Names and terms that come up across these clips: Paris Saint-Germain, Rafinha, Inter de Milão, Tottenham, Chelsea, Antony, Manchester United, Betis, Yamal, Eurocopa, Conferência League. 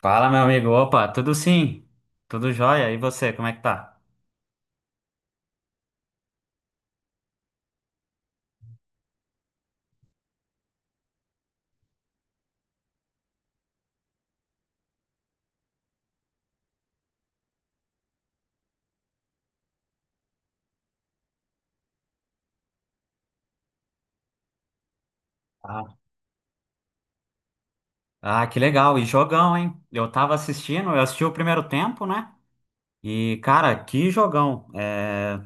Fala, meu amigo. Opa, tudo sim? Tudo jóia? E você, como é que tá? Ah, Ah, que legal. E jogão, hein? Eu tava assistindo, eu assisti o primeiro tempo, né? E, cara, que jogão.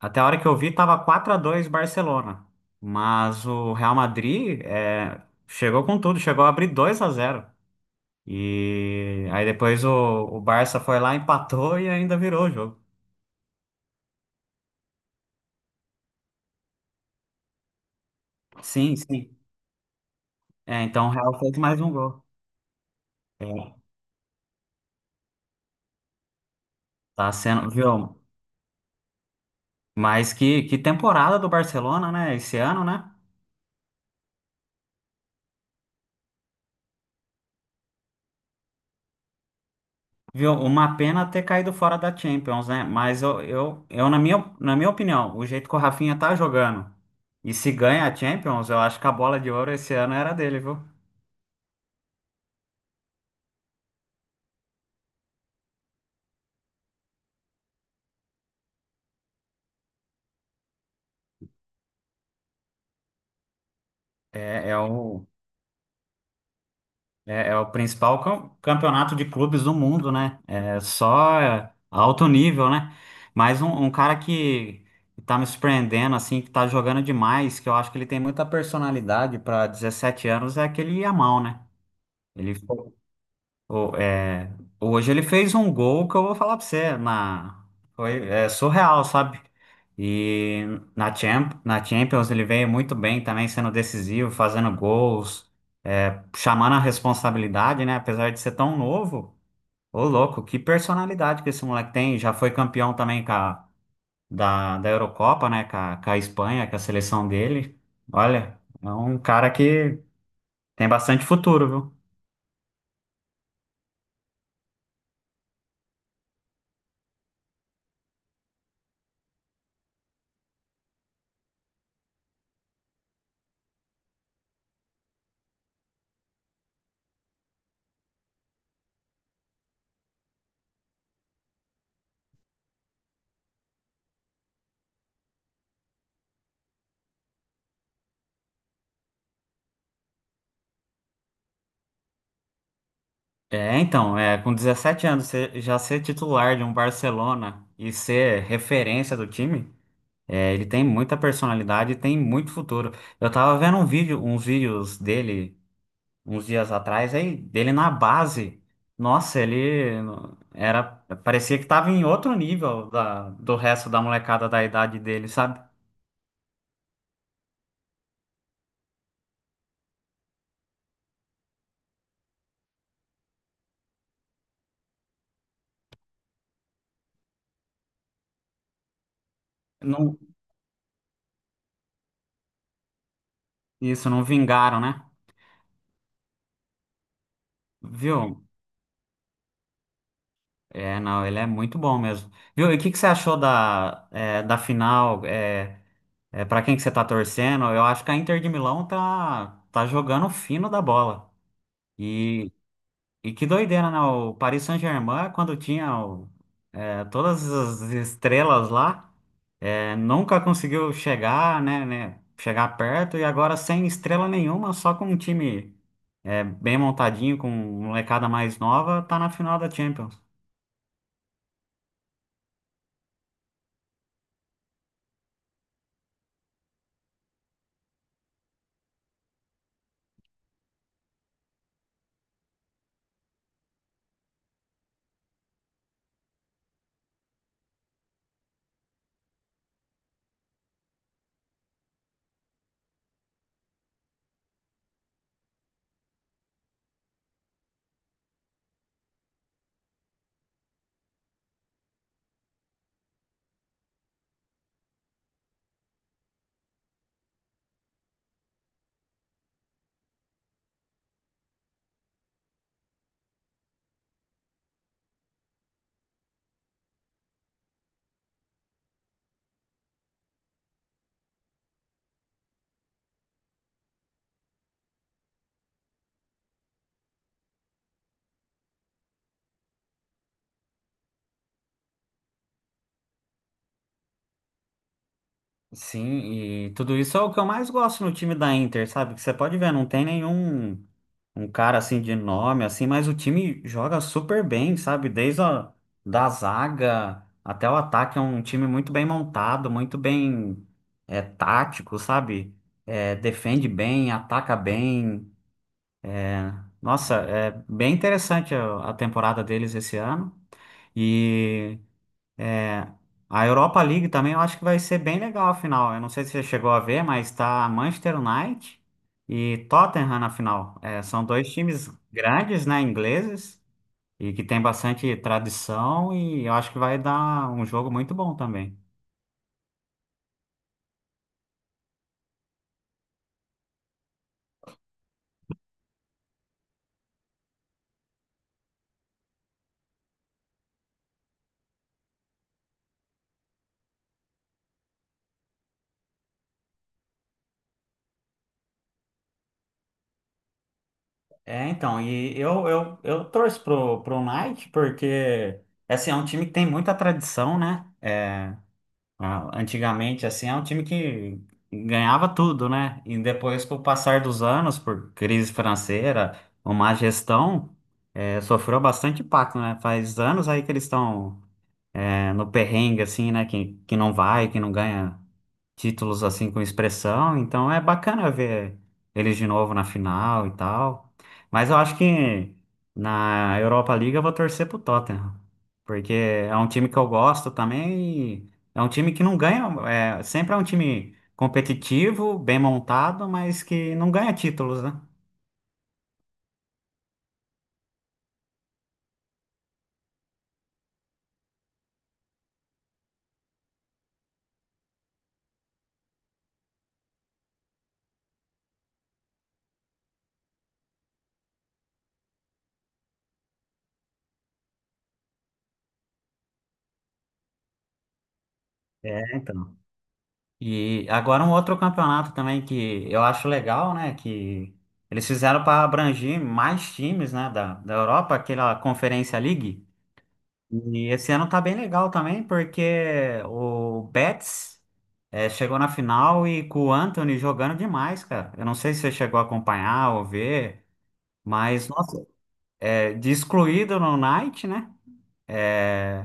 Até a hora que eu vi, tava 4-2 Barcelona. Mas o Real Madrid chegou com tudo, chegou a abrir 2-0. E aí depois o Barça foi lá, empatou e ainda virou o jogo. Sim, sim. É, então o Real fez mais um gol. É, tá sendo, viu? Mas que temporada do Barcelona, né? Esse ano, né? Viu? Uma pena ter caído fora da Champions, né? Mas eu na na minha opinião, o jeito que o Rafinha tá jogando e se ganha a Champions, eu acho que a bola de ouro esse ano era dele, viu? É, é o, é o principal campeonato de clubes do mundo, né? É só alto nível, né? Mas um cara que tá me surpreendendo, assim, que tá jogando demais, que eu acho que ele tem muita personalidade para 17 anos, é aquele Yamal, né? Ele, fo- o- é, hoje ele fez um gol que eu vou falar pra você, foi surreal, sabe? E na Champions ele veio muito bem também, sendo decisivo, fazendo gols, chamando a responsabilidade, né? Apesar de ser tão novo, ô louco, que personalidade que esse moleque tem. Já foi campeão também da Eurocopa, né? Com com a Espanha, com a seleção dele. Olha, é um cara que tem bastante futuro, viu? É, então, é, com 17 anos, você já ser titular de um Barcelona e ser referência do time, é, ele tem muita personalidade e tem muito futuro. Eu tava vendo um vídeo, uns vídeos dele uns dias atrás, aí, dele na base. Nossa, ele era, parecia que tava em outro nível do resto da molecada da idade dele, sabe? Não, isso, não vingaram, né? Viu? É, não, ele é muito bom mesmo. Viu? E o que que você achou da, é, da final? É, É, para quem que você tá torcendo? Eu acho que a Inter de Milão tá jogando fino da bola. E, e que doideira, né? O Paris Saint-Germain, quando tinha todas as estrelas lá, é, nunca conseguiu chegar, né, chegar perto. E agora sem estrela nenhuma, só com um time é, bem montadinho, com molecada mais nova, tá na final da Champions. Sim, e tudo isso é o que eu mais gosto no time da Inter, sabe? Que você pode ver, não tem nenhum um cara assim de nome, assim, mas o time joga super bem, sabe? Desde a da zaga até o ataque, é um time muito bem montado, muito bem é, tático, sabe? É, defende bem, ataca bem. Nossa, é bem interessante a temporada deles esse ano. E a Europa League também eu acho que vai ser bem legal a final. Eu não sei se você chegou a ver, mas tá Manchester United e Tottenham na final. É, são dois times grandes, né, ingleses. E que tem bastante tradição e eu acho que vai dar um jogo muito bom também. É, então, e eu torço pro Knight porque, assim, é um time que tem muita tradição, né? É, ah, antigamente, assim, é um time que ganhava tudo, né? E depois, com o passar dos anos, por crise financeira, uma má gestão, é, sofreu bastante impacto, né? Faz anos aí que eles estão, é, no perrengue, assim, né? Que não vai, que não ganha títulos assim com expressão, então é bacana ver eles de novo na final e tal. Mas eu acho que na Europa League eu vou torcer pro Tottenham, porque é um time que eu gosto também, e é um time que não ganha, é, sempre é um time competitivo, bem montado, mas que não ganha títulos, né? É, então. E agora um outro campeonato também que eu acho legal, né? Que eles fizeram para abranger mais times, né? Da Europa, aquela Conferência League. E esse ano tá bem legal também, porque o Betis chegou na final e com o Antony jogando demais, cara. Eu não sei se você chegou a acompanhar ou ver, mas, nossa, eh, de excluído no Knight, né? Eh,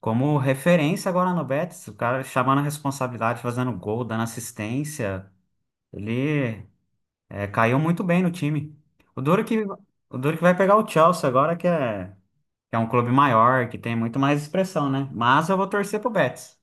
como referência agora no Betis, o cara chamando a responsabilidade, fazendo gol, dando assistência. Ele caiu muito bem no time. O duro que, o duro que vai pegar o Chelsea agora, que é um clube maior, que tem muito mais expressão, né? Mas eu vou torcer pro Betis.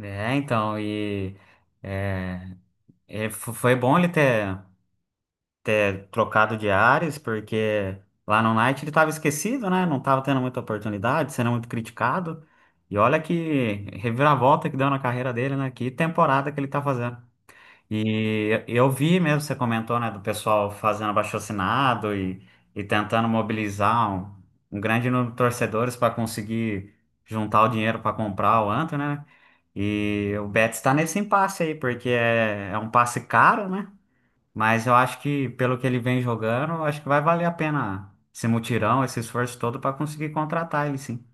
É, então, e é, foi bom ele ter trocado de ares, porque lá no Knight ele estava esquecido, né? Não estava tendo muita oportunidade, sendo muito criticado. E olha que reviravolta que deu na carreira dele, né? Que temporada que ele tá fazendo. E eu vi mesmo, você comentou, né, do pessoal fazendo abaixo-assinado e tentando mobilizar um grande número de torcedores para conseguir juntar o dinheiro para comprar o Antony, né? E o Betis está nesse impasse aí, porque é um passe caro, né? Mas eu acho que, pelo que ele vem jogando, eu acho que vai valer a pena esse mutirão, esse esforço todo para conseguir contratar ele, sim.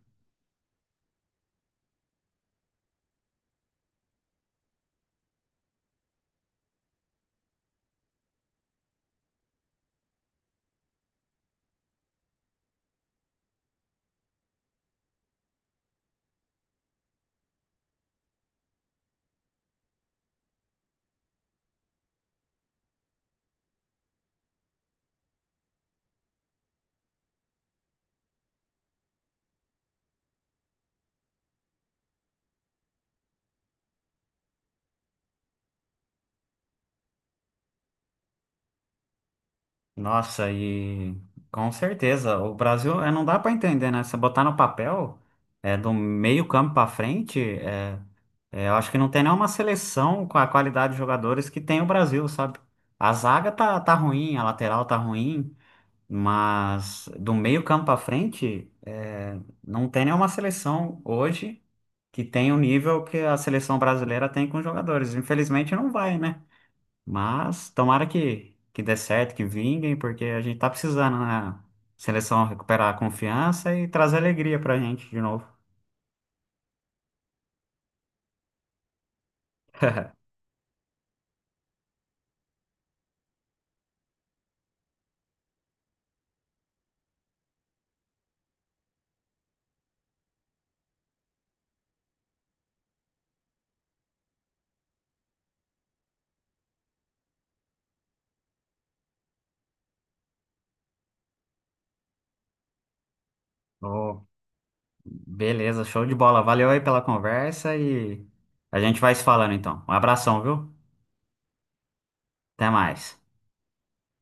Nossa, e com certeza, o Brasil é, não dá para entender, né? Você botar no papel, é, do meio campo para frente, eu acho que não tem nenhuma seleção com a qualidade de jogadores que tem o Brasil, sabe? A zaga tá ruim, a lateral tá ruim, mas do meio campo para frente, é, não tem nenhuma seleção hoje que tem o nível que a seleção brasileira tem com os jogadores. Infelizmente não vai, né? Mas tomara que dê certo, que vinguem, porque a gente tá precisando na seleção recuperar a confiança e trazer alegria pra gente de novo. Ô, beleza, show de bola. Valeu aí pela conversa e a gente vai se falando então. Um abração, viu? Até mais.